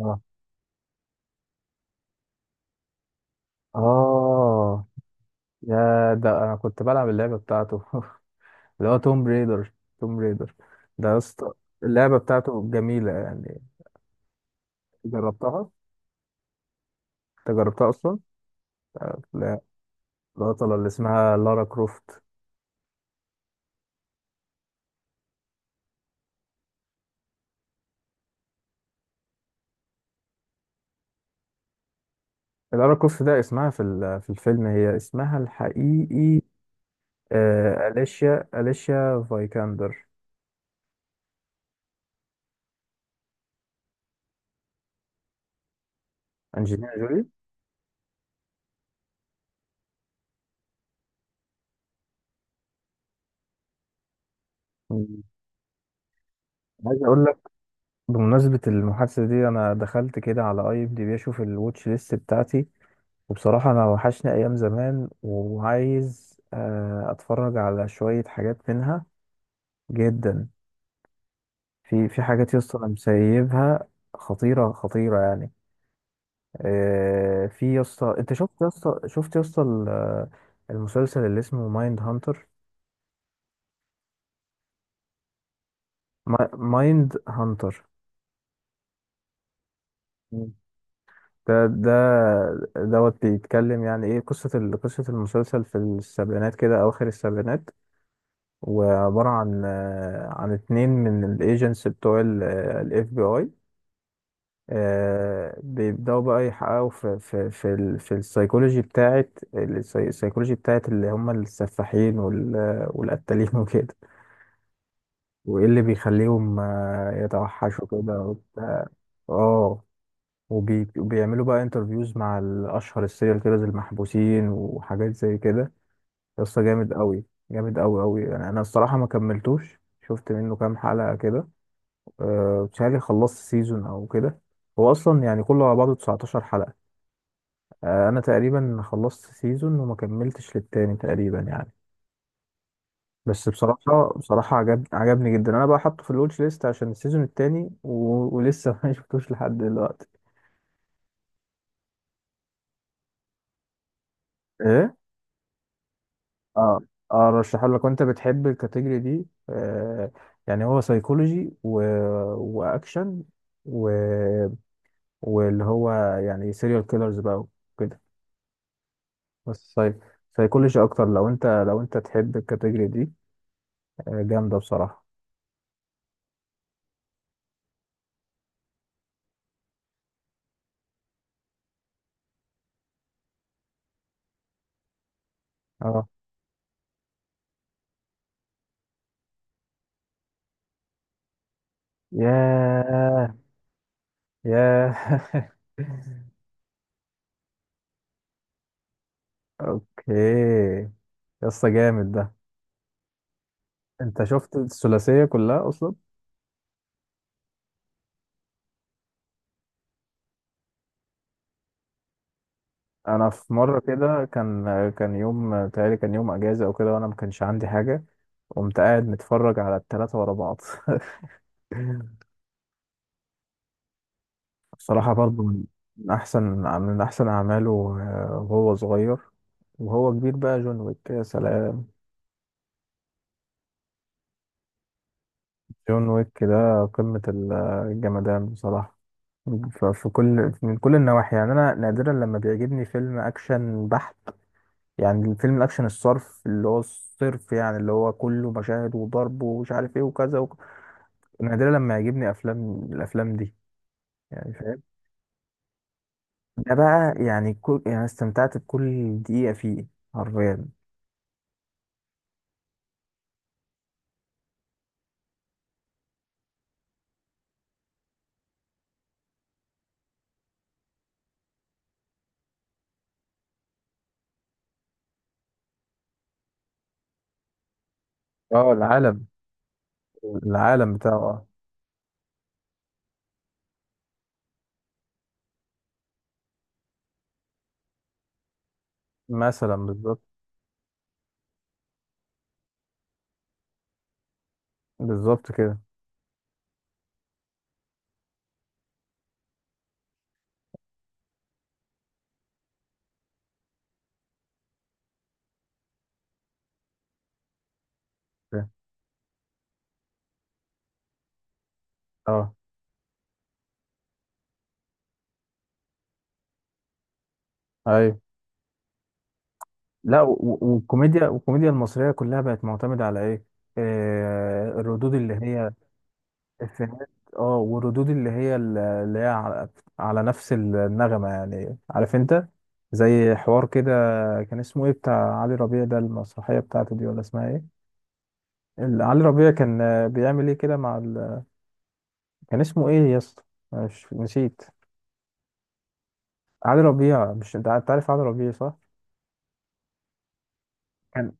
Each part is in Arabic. اه، اه. يا ده انا كنت بلعب اللعبه بتاعته اللي هو توم بريدر. توم بريدر ده يا اسطى، اللعبه بتاعته جميله يعني. جربتها؟ انت جربتها اصلا؟ لا. البطله اللي اسمها لارا كروفت. لارا كروفت ده اسمها في الفيلم، هي اسمها الحقيقي اليشيا فايكاندر. انجلينا جولي. مم. عايز اقول لك، بمناسبه المحادثه دي انا دخلت كده على اي ام دي بي اشوف الواتش ليست بتاعتي، وبصراحة أنا وحشني أيام زمان وعايز أتفرج على شوية حاجات منها جدا. في حاجات يا اسطى أنا مسيبها خطيرة خطيرة يعني. في، يا اسطى، أنت شفت يا اسطى، شفت يا اسطى المسلسل اللي اسمه مايند هانتر. مايند هانتر. مم. ده دوت بيتكلم يعني إيه، قصة المسلسل في السبعينات كده، أواخر السبعينات، وعبارة عن عن اتنين من الايجنتس بتوع الاف بي اي، بيبدأوا بقى يحققوا في السيكولوجي بتاعت، السيكولوجي بتاعت اللي هم السفاحين، والقتالين وكده، وايه اللي بيخليهم يتوحشوا كده وبتاع. اه. وبيعملوا بقى انترفيوز مع الاشهر السيريال كيلرز المحبوسين وحاجات زي كده. قصة جامد قوي. جامد قوي يعني. انا الصراحة ما كملتوش، شفت منه كام حلقة كده. بتهيألي خلصت سيزون او كده. هو اصلا يعني كله على بعضه 19 حلقة. انا تقريبا خلصت سيزون وما كملتش للتاني تقريبا يعني. بس بصراحة، بصراحة عجبني جدا، انا بقى حاطه في الواتش ليست عشان السيزون التاني و... ولسه ما شفتوش لحد دلوقتي. ايه. اه. اه رشحه لك، وانت بتحب الكاتيجوري دي آه. يعني هو سايكولوجي و... واكشن و... واللي هو يعني سيريال كيلرز بقى، وكده. بس ساي... سيكولوجي اكتر، لو انت، لو انت تحب الكاتيجوري دي جامده بصراحه. اه. ياه. ياه اوكي. يا اسطى جامد ده. انت شفت الثلاثيه كلها اصلا؟ انا في مره كده كان، كان يوم تقريبا، كان يوم اجازه او كده وانا ما كانش عندي حاجه، قمت قاعد متفرج على الثلاثه ورا بعض بصراحه برضو من، من احسن من احسن اعماله، وهو صغير. وهو كبير بقى جون ويك، يا سلام. جون ويك ده قمة الجمدان بصراحة، في كل، من كل النواحي. يعني أنا نادرا لما بيعجبني فيلم أكشن بحت، يعني الفيلم الأكشن الصرف، اللي هو الصرف يعني، اللي هو كله مشاهد وضرب ومش عارف إيه وكذا نادرا لما يعجبني أفلام، الأفلام دي، يعني فاهم. ده بقى يعني كل، يعني استمتعت بكل دقيقة فيه حرفيا. اه العالم، العالم بتاعه آه. مثلا بالظبط. بالظبط كده. اه. ايوه. لا، والكوميديا والكوميديا المصرية كلها بقت معتمدة على ايه، آه الردود اللي هي افيهات. اه والردود اللي هي اللي هي على، على نفس النغمة يعني، عارف انت. زي حوار كده، كان اسمه ايه بتاع علي ربيع ده، المسرحية بتاعته دي، ولا اسمها ايه؟ علي ربيع كان بيعمل ايه كده مع ال... كان اسمه ايه يا اسطى؟ مش نسيت. علي ربيع، مش انت عارف علي ربيع صح؟ كان،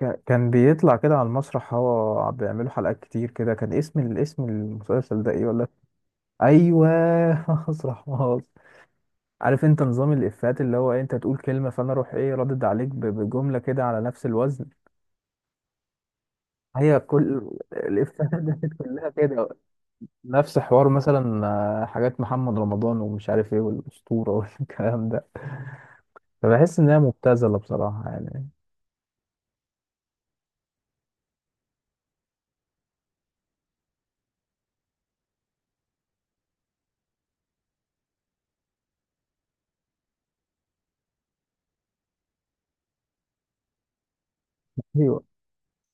كان بيطلع كده على المسرح، هو بيعملوا حلقات كتير كده، كان اسم، الاسم المسلسل ده ايه ولا؟ ايوه مسرح مصر. عارف انت نظام الافيهات، اللي هو إيه، انت تقول كلمه فانا اروح ايه ردد عليك بجمله كده على نفس الوزن. هي كل الافيهات دي كلها كده، نفس حوار، مثلا حاجات محمد رمضان ومش عارف ايه، والاسطوره والكلام ده. فبحس ان هي مبتذله بصراحه يعني. ايوه.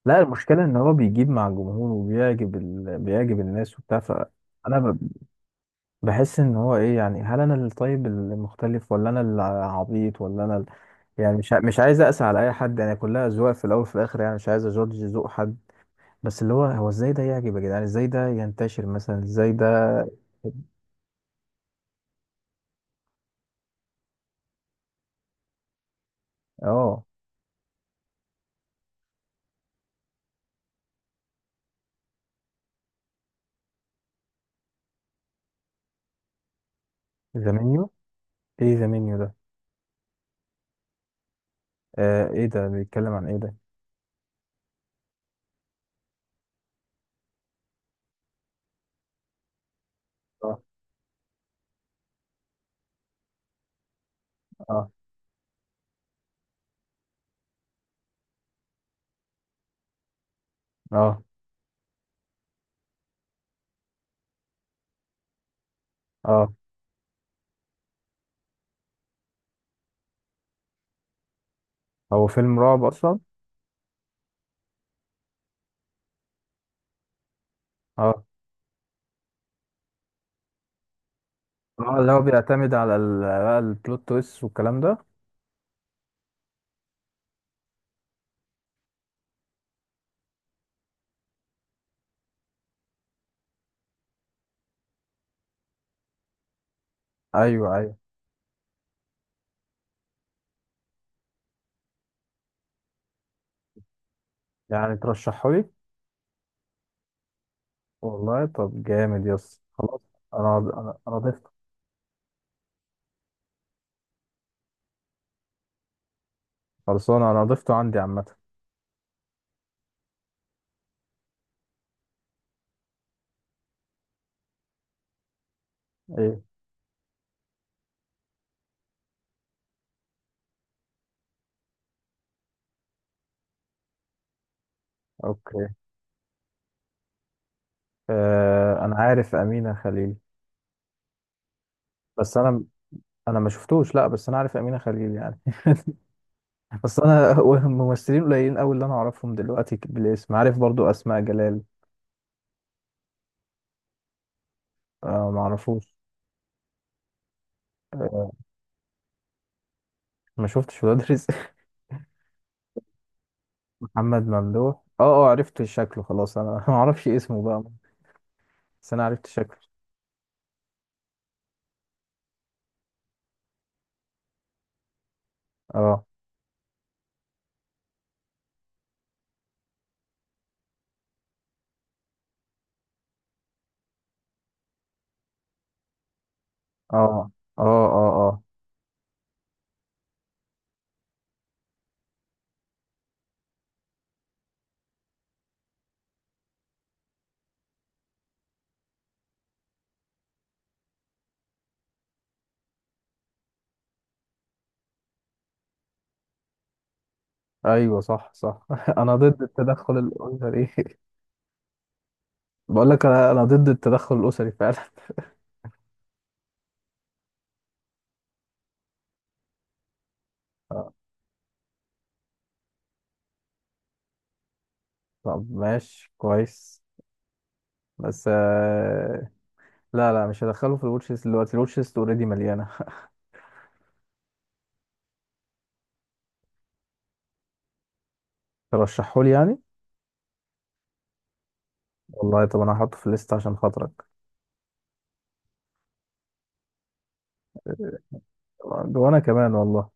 لا، المشكله ان هو بيجيب مع الجمهور، وبيعجب ال... بيعجب الناس وبتاع انا بحس ان هو ايه يعني، هل انا اللي طيب المختلف، ولا انا اللي عبيط، ولا انا ال-، يعني مش عايز اقسى على اي حد، يعني كلها اذواق في الاول وفي الاخر، يعني مش عايز اجورج ذوق حد، بس اللي هو، هو ازاي ده يعجب يا جدعان، ازاي ده ينتشر مثلا، ازاي ده. اه. ذا منيو. ايه ذا منيو ده؟ آه ايه ده، بيتكلم عن ايه ده؟ اه. اه. اه. اه. هو فيلم رعب اصلا؟ اه. اه اللي هو بيعتمد على بقى البلوت تويست والكلام ده. ايوه، ايوه. يعني ترشحه؟ والله طب جامد يس، خلاص انا ضفته. خلصانه، انا ضفته عندي عامه. ايه. اوكي. آه انا عارف امينه خليل. بس انا، انا ما شفتوش لا، بس انا عارف امينه خليل يعني. بس انا، هو ممثلين قليلين قوي اللي انا اعرفهم دلوقتي بالاسم، عارف برضو اسماء جلال. آه ما اعرفوش. آه ما شفتش ولاد رزق. محمد ممدوح. اه. اه عرفت شكله خلاص، انا ما اعرفش اسمه بقى، بس انا عرفت شكله. اه. اه. اه. اه. آه. ايوه صح، صح انا ضد التدخل الاسري بقول لك انا، ضد التدخل الاسري فعلا. آه، طب ماشي كويس، بس لا، لا مش هدخله في الواتش ليست دلوقتي، الواتش ليست اوريدي مليانه. ترشحه لي يعني؟ والله طب انا هحطه في الليست عشان خاطرك. وانا كمان والله.